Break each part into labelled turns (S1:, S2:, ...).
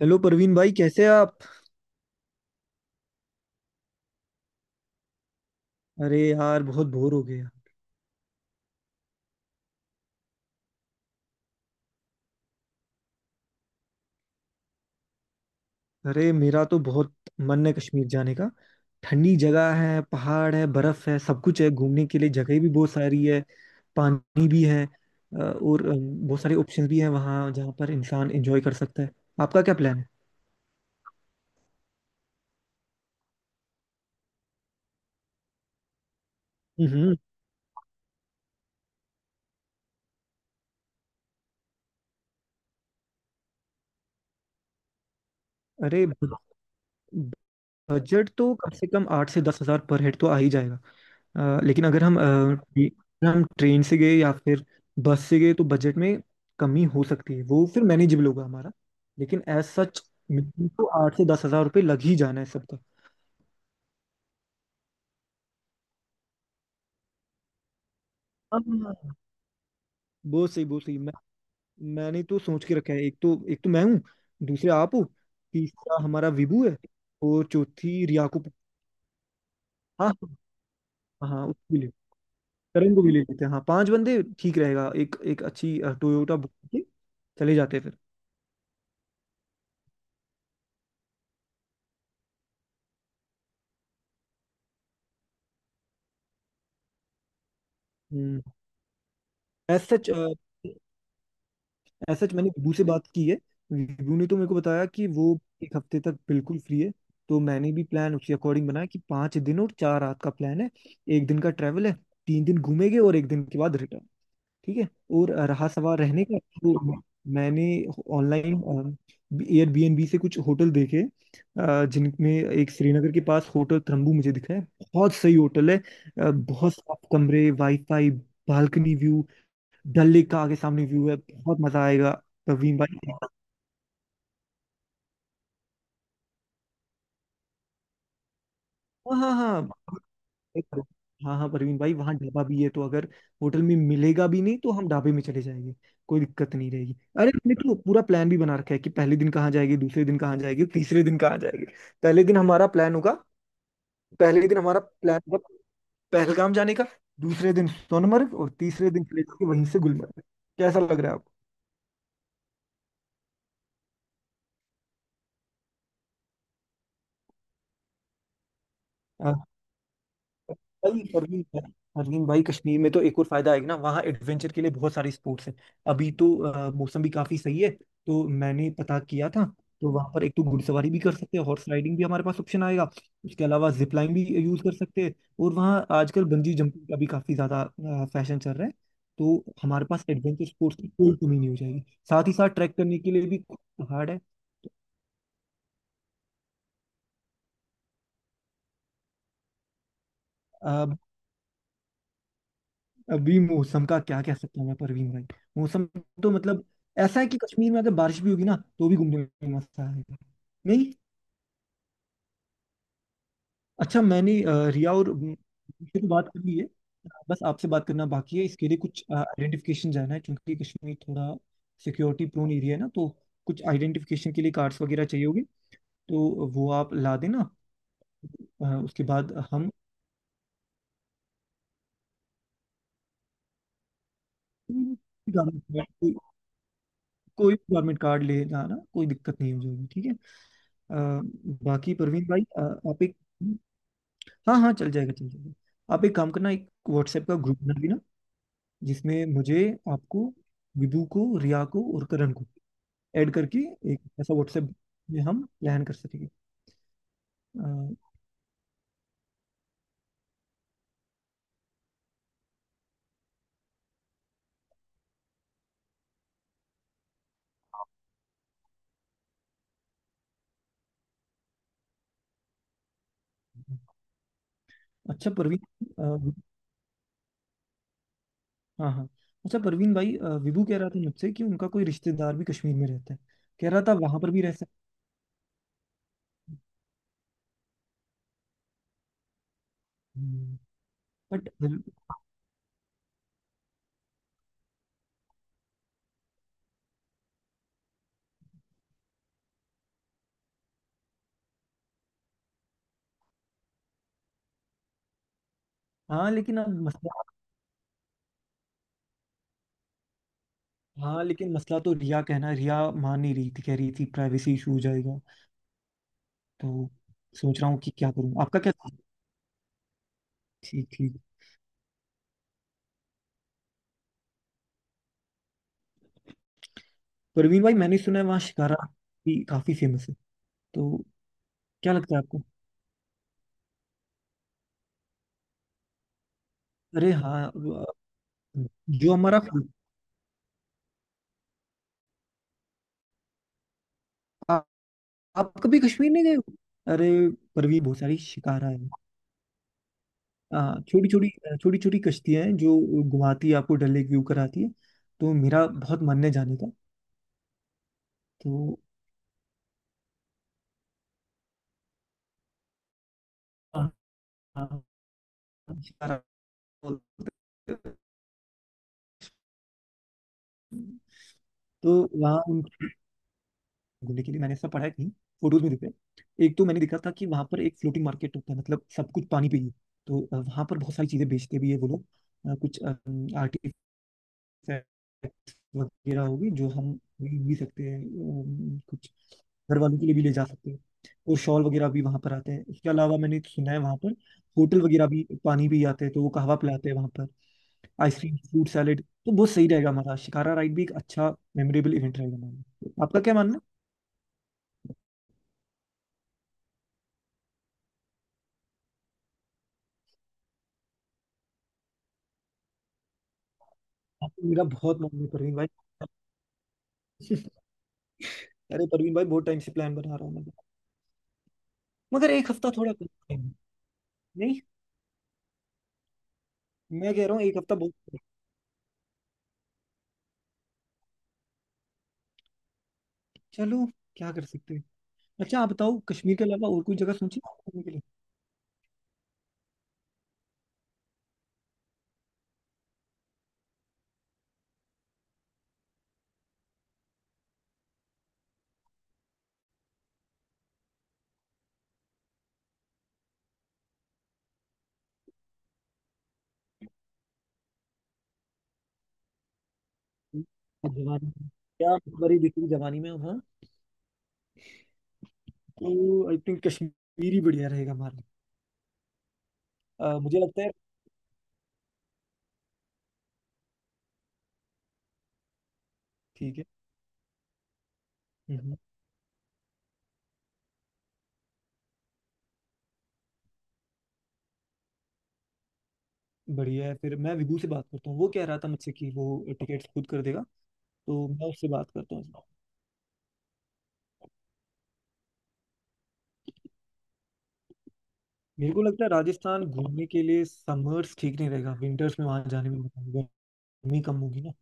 S1: Hello Parveen भाई, कैसे हैं आप। अरे यार, बहुत बोर हो गया। अरे, मेरा तो बहुत मन है कश्मीर जाने का। ठंडी जगह है, पहाड़ है, बर्फ है, सब कुछ है, घूमने के लिए जगह भी बहुत सारी है। पानी भी है, और बहुत सारे ऑप्शंस भी हैं वहाँ जहाँ पर इंसान एंजॉय कर सकता है। आपका क्या प्लान है? हम्म। अरे, बजट तो कम से कम 8 से 10 हज़ार पर हेड तो आ ही जाएगा। लेकिन अगर हम ट्रेन से गए या फिर बस से गए तो बजट में कमी हो सकती है, वो फिर मैनेजेबल होगा हमारा। लेकिन एज सच मिनिमम तो 8 से 10 हज़ार रुपये लग ही जाना है सबका। हाँ, बहुत सही बहुत सही, मैंने तो सोच के रखा है, एक तो मैं हूँ। दूसरे आप हो। तीसरा हमारा विभू है। और चौथी रिया को। हाँ, हाँ, हाँ, उसके लिए करण को भी ले लेते हैं। हाँ, पांच बंदे ठीक रहेगा, एक एक अच्छी टोयोटा बुक करके चले जाते हैं फिर। हम्म। एज सच एज सच मैंने विभू से बात की है। विभू ने तो मेरे को बताया कि वो एक हफ्ते तक बिल्कुल फ्री है। तो मैंने भी प्लान उसी अकॉर्डिंग बनाया कि 5 दिन और 4 रात का प्लान है। एक दिन का ट्रैवल है, 3 दिन घूमेंगे और एक दिन के बाद रिटर्न। ठीक है। और रहा सवाल रहने का तो मैंने ऑनलाइन एयरबीएनबी से कुछ होटल देखे, जिनमें एक श्रीनगर के पास होटल त्रंबू मुझे दिखा है। बहुत सही होटल है, बहुत साफ कमरे, wifi, balcony view, Dal lake का आगे सामने व्यू है, बहुत मजा आएगा प्रवीण भाई। हाँ, हाँ, हाँ, एक- पर- हाँ, हाँ, परवीन भाई वहाँ ढाबा भी है तो अगर होटल में मिलेगा भी नहीं तो हम ढाबे में चले जाएंगे, कोई दिक्कत नहीं रहेगी। अरे, हमने तो पूरा प्लान भी बना रखा है कि पहले दिन कहाँ जाएंगे, दूसरे दिन कहाँ जाएंगे, तीसरे दिन कहाँ जाएंगे। पहले दिन हमारा प्लान होगा पहले दिन हमारा प्लान होगा पहलगाम जाने का। दूसरे दिन सोनमर्ग और तीसरे दिन चले जाएंगे वहीं से गुलमर्ग। कैसा लग रहा है आपको? परवीन परवीन भाई कश्मीर में तो एक और फायदा आएगा ना, वहाँ एडवेंचर के लिए बहुत सारी स्पोर्ट्स हैं। अभी तो मौसम भी काफी सही है तो मैंने पता किया था। तो वहाँ पर एक तो घुड़सवारी भी कर सकते हैं, हॉर्स राइडिंग भी हमारे पास ऑप्शन आएगा। उसके अलावा जिप लाइन भी यूज कर सकते हैं। और वहाँ आजकल बंजी जंपिंग का भी काफी ज्यादा फैशन चल रहा है। तो हमारे पास एडवेंचर स्पोर्ट्स की कोई कमी नहीं हो जाएगी। साथ ही साथ ट्रैक करने के लिए भी पहाड़ है। अभी मौसम का क्या कह सकता हूँ मैं परवीन भाई। मौसम तो मतलब ऐसा है कि कश्मीर में अगर बारिश भी होगी ना तो भी घूमने में मजा आएगा। नहीं। अच्छा, मैंने रिया और से तो बात कर ली है। बस आपसे बात करना बाकी है। इसके लिए कुछ आइडेंटिफिकेशन जाना है क्योंकि कश्मीर थोड़ा सिक्योरिटी प्रोन एरिया है ना, तो कुछ आइडेंटिफिकेशन के लिए कार्ड्स वगैरह चाहिए होंगे, तो वो आप ला देना। उसके बाद हम गवर्नमेंट कोई गवर्नमेंट कार्ड ले जाना, कोई दिक्कत नहीं हो जाएगी, ठीक है। अ, बाकी प्रवीण भाई, अ, आप एक हाँ, हाँ, चल जाएगा चल जाएगा। आप एक काम करना, एक व्हाट्सएप का ग्रुप बना लेना, जिसमें मुझे, आपको, विभू को, रिया को और करण को ऐड करके एक ऐसा व्हाट्सएप में हम प्लान कर सकेंगे। अ, अच्छा प्रवीण अ, हाँ, हाँ, अच्छा प्रवीण भाई, विभू कह रहा था मुझसे कि उनका कोई रिश्तेदार भी कश्मीर में रहता है, कह रहा था वहां पर भी रह सकते हैं। बट हाँ, लेकिन अब मसला हाँ लेकिन मसला तो, रिया कहना, रिया मान नहीं रही थी, कह रही थी प्राइवेसी इशू हो जाएगा, तो सोच रहा हूँ कि क्या करूँ आपका क्या। ठीक, ठीक। परवीन भाई मैंने सुना है वहाँ शिकारा भी काफी फेमस है, तो क्या लगता है आपको? अरे हाँ, जो हमारा आ, आप कभी कश्मीर नहीं गए हो? अरे परवीन, बहुत सारी शिकारा है, छोटी छोटी छोटी छोटी कश्तियां हैं जो घुमाती है, आपको डल लेक व्यू कराती है, तो मेरा बहुत मन है जाने का। तो हाँ, हाँ, शिकारा बोलते हैं। तो वहाँ घूमने के लिए मैंने ऐसा पढ़ा है कहीं फोटोज में दिखे, एक तो मैंने देखा था कि वहां पर एक फ्लोटिंग मार्केट होता है, मतलब सब कुछ पानी पे ही है। तो वहां पर बहुत सारी चीजें बेचते भी है वो लोग, कुछ आर्टिफैक्ट वगैरह होगी जो हम खरीद भी सकते हैं, कुछ घर वालों के लिए भी ले जा सकते हैं। और शॉल वगैरह भी वहां पर आते हैं। इसके अलावा मैंने सुना है वहां पर होटल वगैरह भी पानी भी आते हैं तो वो कहवा पिलाते हैं वहां पर, आइसक्रीम, फ्रूट सैलेड, तो बहुत सही रहेगा। हमारा शिकारा राइड भी एक अच्छा मेमोरेबल इवेंट रहेगा हमारा, आपका क्या मानना है? मेरा बहुत मन है परवीन भाई। अरे परवीन भाई बहुत टाइम से प्लान बना रहा हूँ मैं। मगर एक हफ्ता थोड़ा कम time है। नहीं, मैं कह रहा हूँ एक हफ्ता बहुत है। चलो, क्या कर सकते हैं। अच्छा आप बताओ कश्मीर के अलावा और कोई जगह सोची है घूमने के लिए? जवानी में क्या बड़ी बिखरी जवानी में हम, हाँ, तो आई थिंक कश्मीर ही बढ़िया रहेगा हमारे लिए। मुझे लगता है ठीक है। हम्म, बढ़िया है, फिर मैं विभू से बात करता हूँ, वो कह रहा था मुझसे कि वो टिकट खुद कर देगा, तो मैं उससे बात करता हूँ। मेरे को लगता है राजस्थान घूमने के लिए समर्स ठीक नहीं रहेगा, विंटर्स में वहां जाने में मजा आएगा, गर्मी कम होगी ना।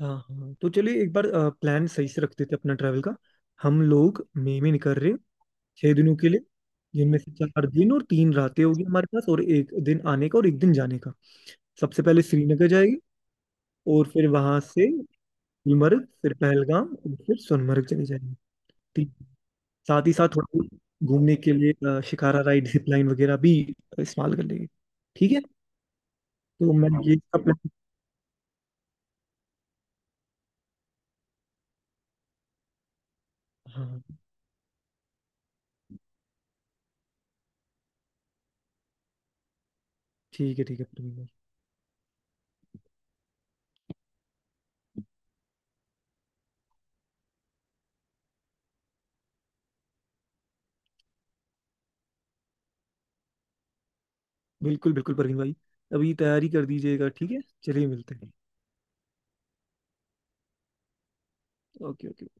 S1: हाँ, हाँ, तो चलिए एक बार प्लान सही से रखते थे अपना ट्रैवल का। हम लोग मई में निकल रहे हैं, 6 दिनों के लिए, जिनमें से 4 दिन और 3 रातें होगी हमारे पास और एक दिन आने का और एक दिन जाने का। सबसे पहले श्रीनगर जाएगी, और फिर वहां से गुलमर्ग, फिर पहलगाम और फिर सोनमर्ग चले जाएंगे। ठीक, साथ ही साथ थोड़ा बहुत घूमने के लिए शिकारा राइड, जिप लाइन वगैरह भी इस्तेमाल कर लेंगे। ठीक है, तो मैं ये इसका हाँ, हाँ, ठीक है प्रवीण भाई। बिल्कुल बिल्कुल प्रवीण भाई, अभी तैयारी कर दीजिएगा, ठीक है, चलिए मिलते हैं। Okay, okay.